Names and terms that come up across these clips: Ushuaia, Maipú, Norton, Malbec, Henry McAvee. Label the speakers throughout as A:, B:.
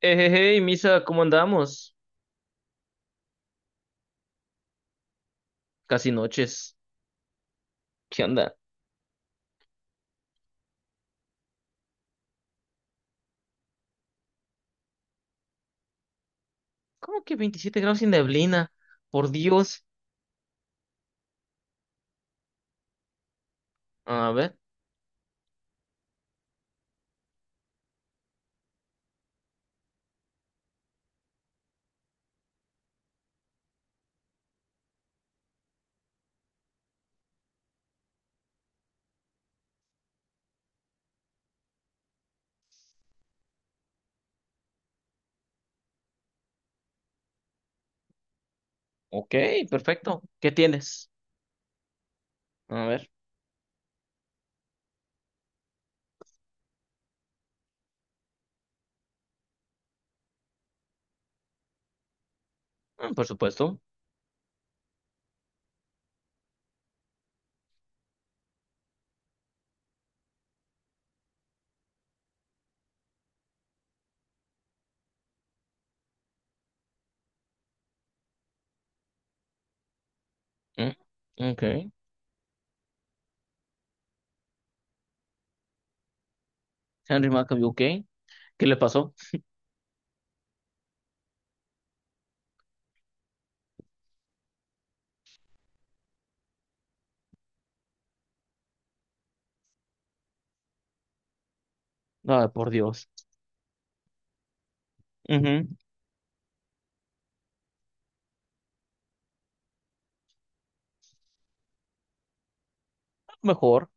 A: Hey, Misa, ¿cómo andamos? Casi noches. ¿Qué onda? ¿Cómo que 27 grados sin neblina? Por Dios. A ver. Ok, perfecto. ¿Qué tienes? A ver. Mm, por supuesto. Mm, ok. Henry McAvee, ok. ¿Qué le pasó? Ah, por Dios. Ujú, mejor.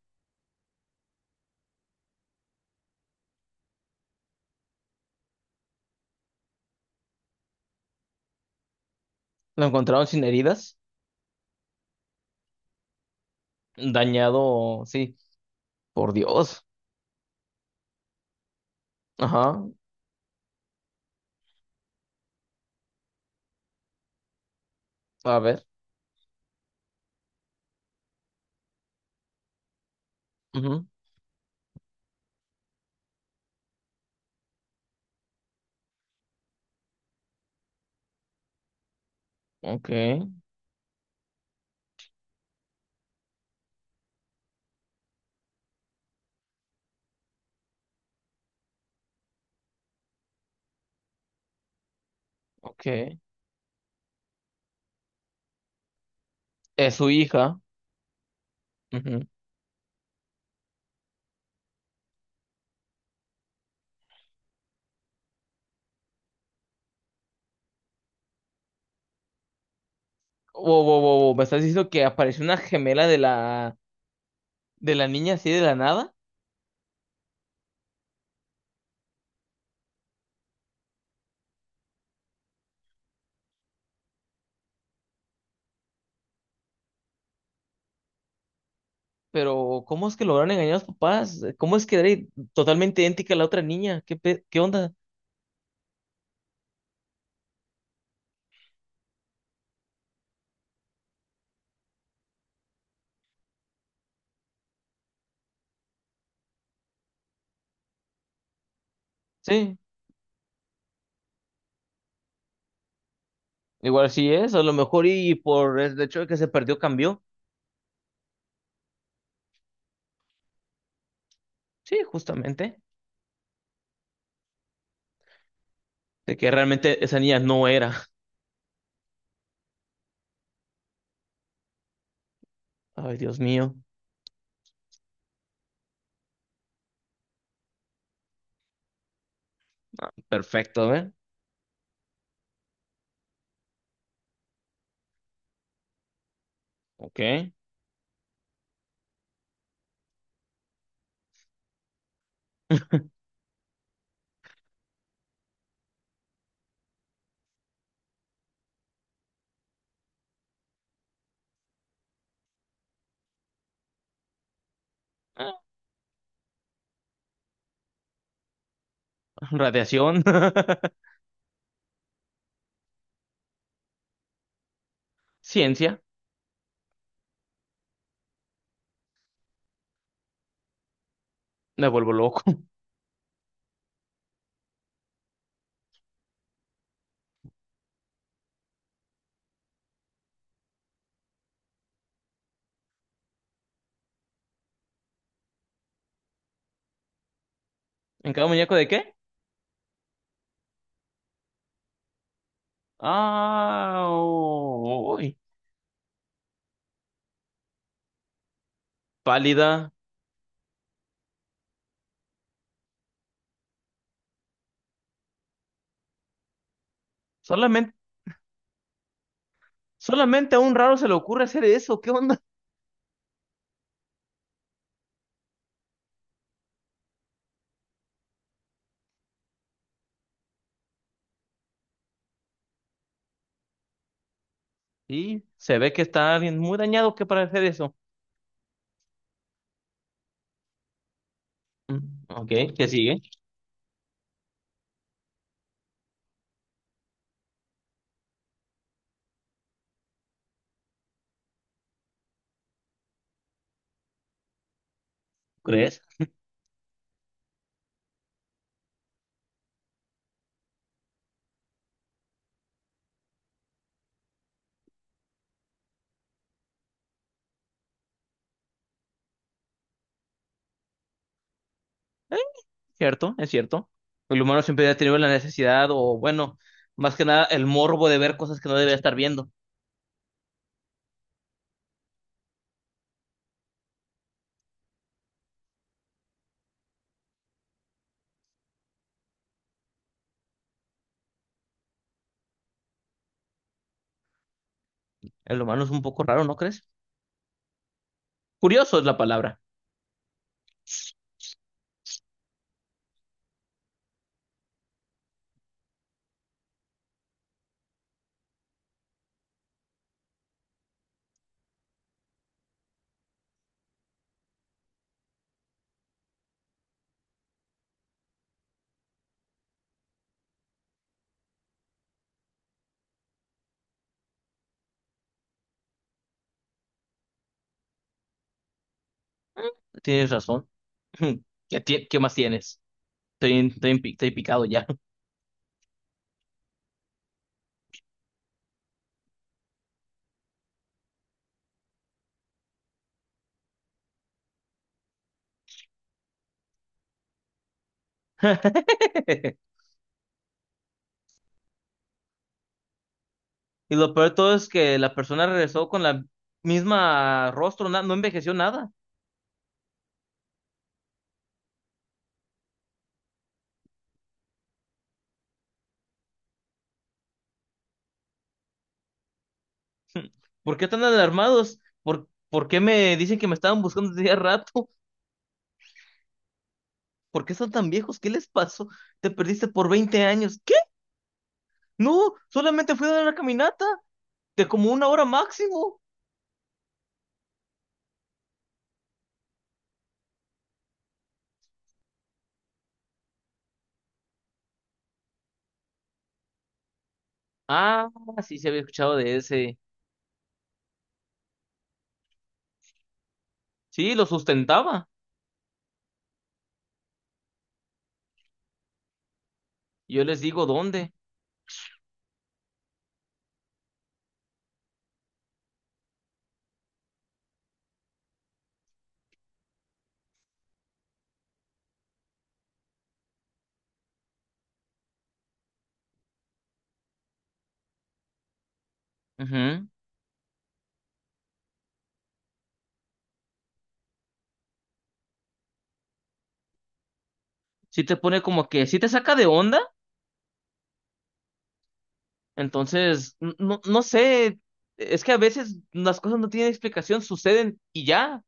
A: ¿Lo encontraron sin heridas? Dañado, sí. Por Dios. Ajá. A ver. Ujú, ok, ok. Es su hija. Wow, wow, wow, wow, ¿Me estás diciendo que apareció una gemela de la niña así de la nada? Pero, ¿cómo es que lograron engañar a los papás? ¿Cómo es que era totalmente idéntica a la otra niña? ¿Qué onda? Sí, igual sí es, a lo mejor y por el hecho de que se perdió cambió. Sí, justamente. De que realmente esa niña no era. Ay, Dios mío. Perfecto, a ver. Ok. Ah, radiación. Ciencia. Me vuelvo loco. ¿En cada muñeco de qué? Ah, uy. Pálida. Solamente, solamente a un raro se le ocurre hacer eso. ¿Qué onda? Y se ve que está alguien muy dañado que para hacer eso. Mm, ok, ¿qué sigue? ¿Crees? Eh, Cierto, es cierto. El humano siempre ha tenido la necesidad, o bueno, más que nada el morbo de ver cosas que no debería estar viendo. El humano es un poco raro, ¿no crees? Curioso es la palabra. Tienes razón. ¿Qué más tienes? Estoy picado ya. Y lo peor de todo es que la persona regresó con la misma rostro, no envejeció nada. ¿Por qué están alarmados? ¿Por qué me dicen que me estaban buscando desde hace rato? ¿Por qué están tan viejos? ¿Qué les pasó? Te perdiste por 20 años. ¿Qué? No, solamente fui a dar una caminata de como una hora máximo. Ah, sí, se había escuchado de ese. Sí, lo sustentaba. Yo les digo dónde. Ujú. Sí te pone como que, sí te saca de onda. Entonces, no, no sé. Es que a veces las cosas no tienen explicación, suceden y ya,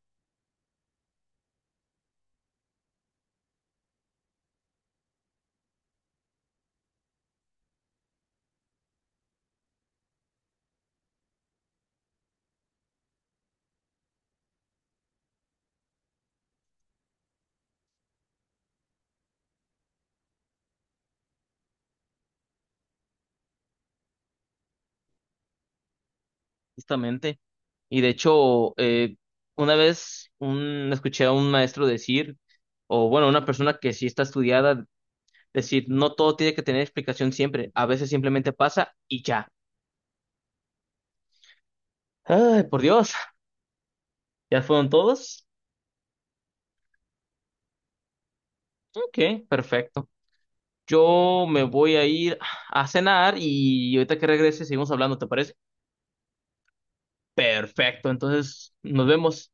A: justamente. Y de hecho, una vez escuché a un maestro decir, o bueno, una persona que sí está estudiada, decir, no todo tiene que tener explicación siempre, a veces simplemente pasa y ya. Ay, por Dios, ¿ya fueron todos? Ok, perfecto. Yo me voy a ir a cenar y ahorita que regrese seguimos hablando, ¿te parece? Perfecto, entonces nos vemos.